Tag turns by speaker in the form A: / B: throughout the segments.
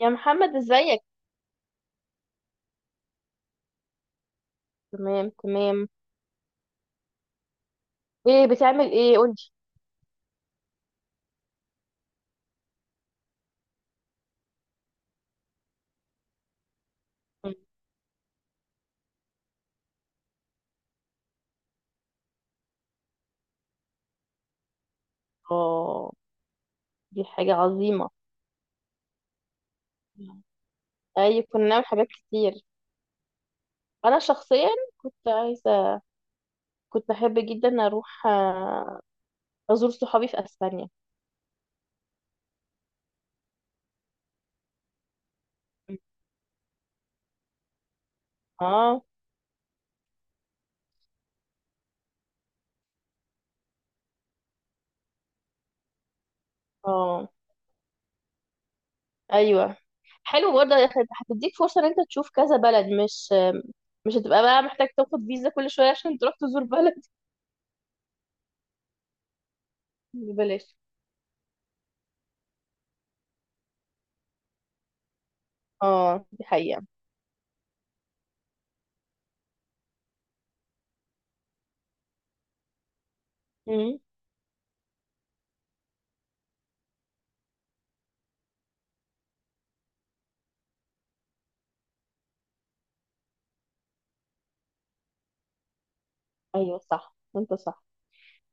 A: يا محمد ازيك؟ تمام تمام. ايه بتعمل، ايه قولي؟ اه، دي حاجة عظيمة. اي كنا نعمل حاجات كتير. انا شخصيا كنت عايزة كنت بحب جدا اروح ازور صحابي في اسبانيا. اه. اه، ايوه، حلو برضه يا اخي، هتديك فرصة ان انت تشوف كذا بلد، مش هتبقى بقى محتاج تاخد فيزا كل شوية عشان تروح تزور بلد. بلاش. اه، دي حقيقة. مم. ايوه صح، انت صح.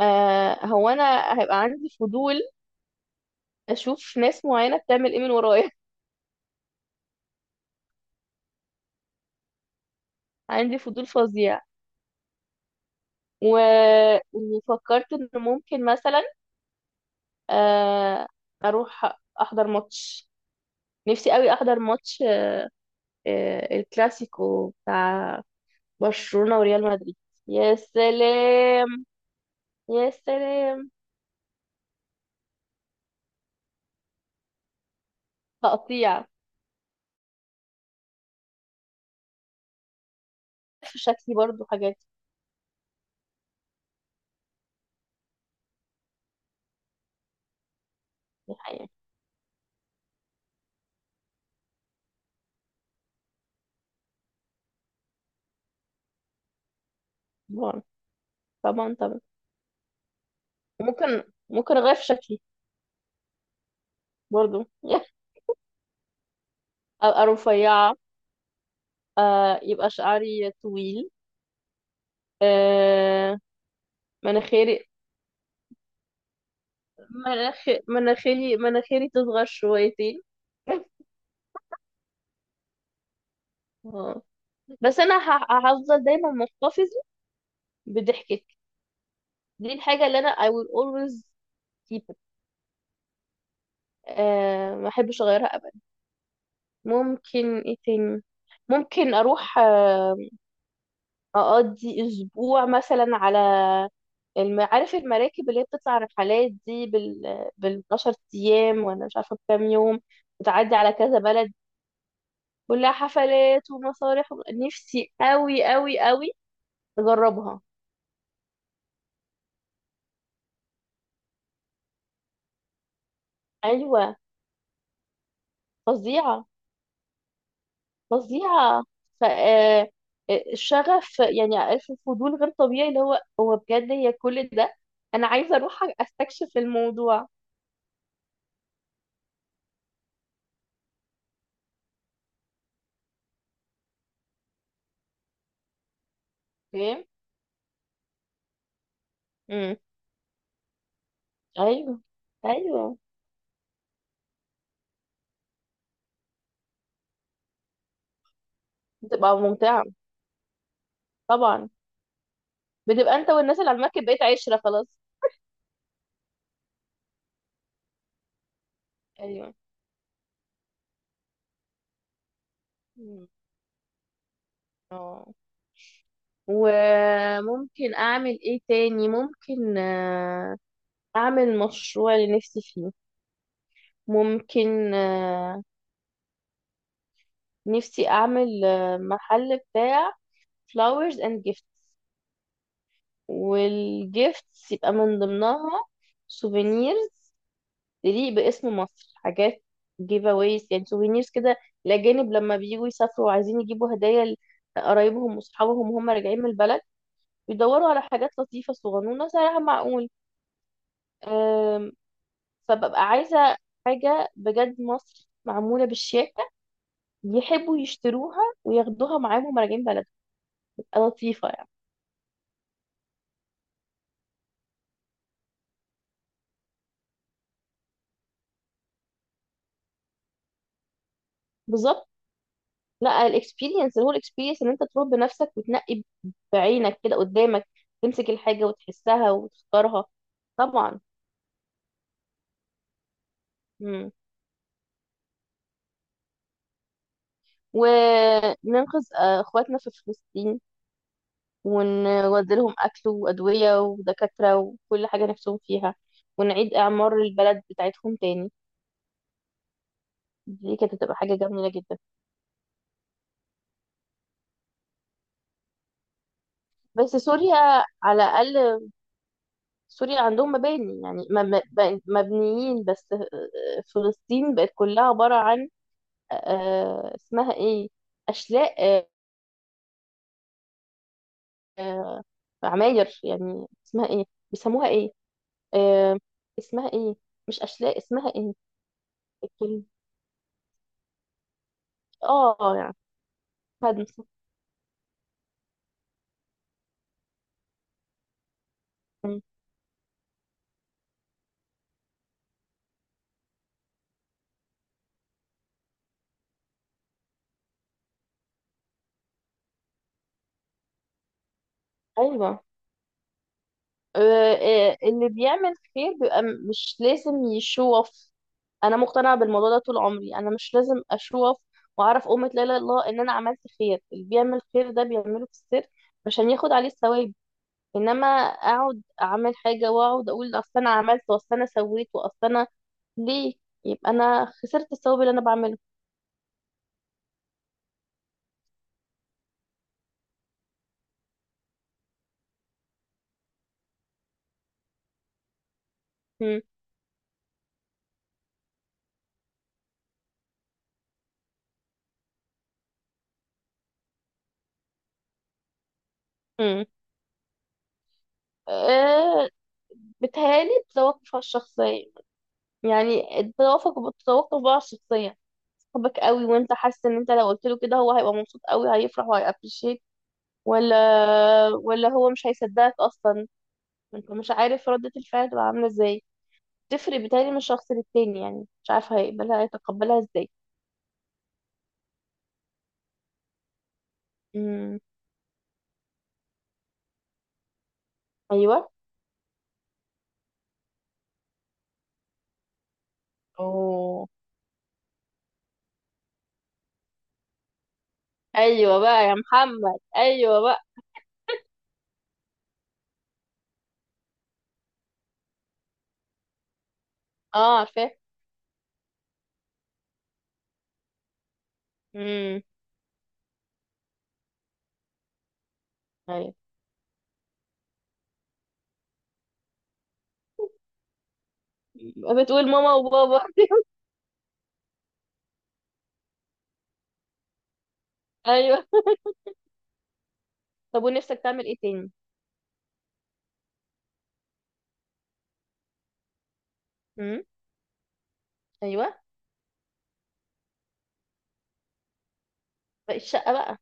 A: آه، هو انا هيبقى عندي فضول اشوف ناس معينه بتعمل ايه من ورايا. عندي فضول فظيع، و... وفكرت ان ممكن مثلا، آه، اروح احضر ماتش. نفسي قوي احضر ماتش، آه، الكلاسيكو بتاع برشلونه وريال مدريد. يا سلام، يا سلام. تقطيع. في شكلي برضو حاجات. دي حقيقة. طبعا. طبعا. ممكن، ممكن اغير في شكلي برضو. ابقى رفيعه، آه، يبقى شعري طويل، آه، مناخيري مناخيري مناخيري تصغر شويتين. آه. بس انا هفضل دايما محتفظة بضحكتي. دي الحاجة اللي انا I will always keep it. آه، ما احبش اغيرها ابدا. ممكن ايه تاني؟ ممكن اروح، آه، اقضي اسبوع مثلا على عارف المراكب اللي هي بتطلع رحلات دي بال 12 ايام، ولا مش عارفه بكام يوم، وتعدي على كذا بلد. كلها حفلات ومسارح و نفسي قوي قوي قوي اجربها. ايوه. فظيعه فظيعه. ف آه، آه، الشغف، يعني عارف الفضول غير طبيعي، اللي هو هو بجد هي كل ده. انا عايزه اروح استكشف الموضوع. فاهم. امم. ايوه. ايوه. بتبقى ممتعه. طبعا. بتبقى انت والناس اللي على المركب بقيت عشرة خلاص. ايوه. مم. اه. وممكن اعمل ايه تاني؟ ممكن، آه، اعمل مشروع اللي نفسي فيه. ممكن، آه، نفسي اعمل، آه، محل بتاع flowers and gifts، والجيفتس يبقى من ضمنها سوفينيرز تليق باسم مصر. حاجات جيف اويز يعني سوفينيرز كده. الاجانب لما بييجوا يسافروا وعايزين يجيبوا هدايا لقرايبهم واصحابهم وهم راجعين من البلد، بيدوروا على حاجات لطيفة صغنونة سعرها معقول. أم، فببقى عايزة حاجة بجد مصر معمولة بالشياكة، يحبوا يشتروها وياخدوها معاهم وهم راجعين بلدهم، تبقى لطيفة يعني. بالظبط. لا، الاكسبيرينس هو الاكسبيرينس ان انت تروح بنفسك وتنقي بعينك كده قدامك، تمسك الحاجة وتحسها وتختارها. طبعا. مم. وننقذ، آه، اخواتنا في فلسطين، ونودي لهم أكل وأدوية ودكاترة وكل حاجة نفسهم فيها، ونعيد إعمار البلد بتاعتهم تاني. دي كانت هتبقى حاجة جميلة جدا. بس سوريا، على الأقل سوريا عندهم مباني يعني مبنيين، بس آه، فلسطين بقت كلها عبارة عن، آه، اسمها ايه؟ أشلاء، آه، آه، عماير يعني اسمها ايه؟ بيسموها ايه؟ آه، اسمها ايه؟ مش أشلاء، اسمها ايه؟ الكلمة، اه يعني، هدم. ايوه، آه، آه، اللي بيعمل خير بيبقى مش لازم يشوف. انا مقتنعه بالموضوع ده طول عمري، انا مش لازم اشوف واعرف قومة لا اله الا الله ان انا عملت خير. اللي بيعمل خير ده بيعمله في السر عشان ياخد عليه الثواب. انما اقعد اعمل حاجه واقعد اقول اصل انا عملت، واصل انا سويت، واصل انا، ليه؟ يبقى انا خسرت الثواب اللي انا بعمله. امم. امم. أه. بتهيألي بتتوقف على الشخص، يعني التوافق، بتتوافق بقى الشخصية. صاحبك قوي وانت حاسس ان انت لو قلت له كده هو هيبقى مبسوط قوي، هيفرح وهيابريشيت، ولا، ولا هو مش هيصدقك اصلا. انت مش عارف ردة الفعل تبقى عاملة ازاي. تفرق بتهيألي من شخص للتاني، يعني مش عارف هيقبلها هيتقبلها ازاي. امم. ايوه. اوه. ايوه بقى يا محمد، ايوه بقى. اه، عارفاه. امم. ايوه. بتقول ماما وبابا. ايوه. طب ونفسك تعمل ايه تاني؟ امم. ايوه. بقى الشقة بقى.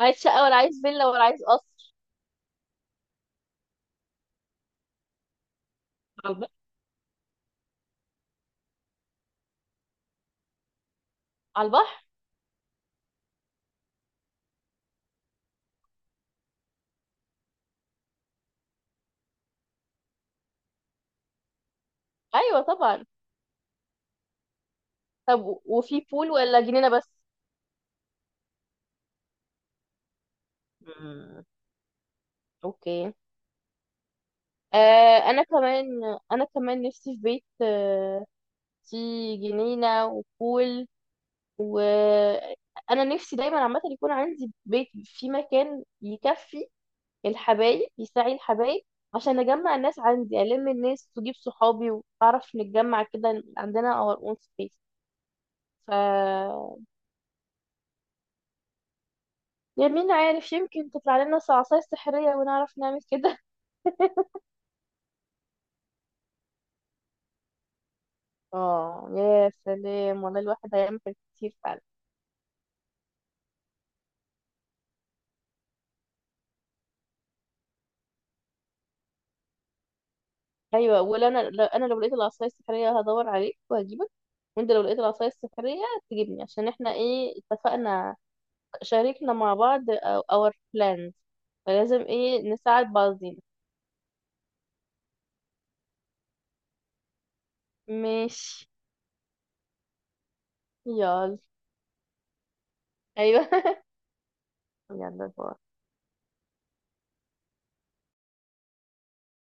A: عايز شقة ولا عايز فيلا ولا عايز قصر؟ على البحر. على البحر. ايوه طبعا. طب وفي بول ولا جنينة بس؟ مم. اوكي. آه، انا كمان، انا كمان نفسي في بيت، آه، فيه جنينة وبول، و انا نفسي دايما عامة يكون عندي بيت في مكان يكفي الحبايب، يساعي الحبايب، عشان اجمع الناس عندي، الناس، واجيب صحابي، واعرف نتجمع كده عندنا. اور اون سبيس. ف يا مين عارف، يمكن تطلع لنا عصاية سحرية ونعرف نعمل كده. اه يا سلام، والله الواحد هيعمل حاجات كتير فعلا. ايوه، ولا انا لو، انا لو لقيت العصاية السحرية هدور عليك وهجيبك. وانت لو لقيت العصاية السحرية تجيبني، عشان احنا ايه، اتفقنا شاركنا مع بعض. اور بلانز. فلازم ايه نساعد بعضينا. ماشي. يلا. ايوه. يلا، باي.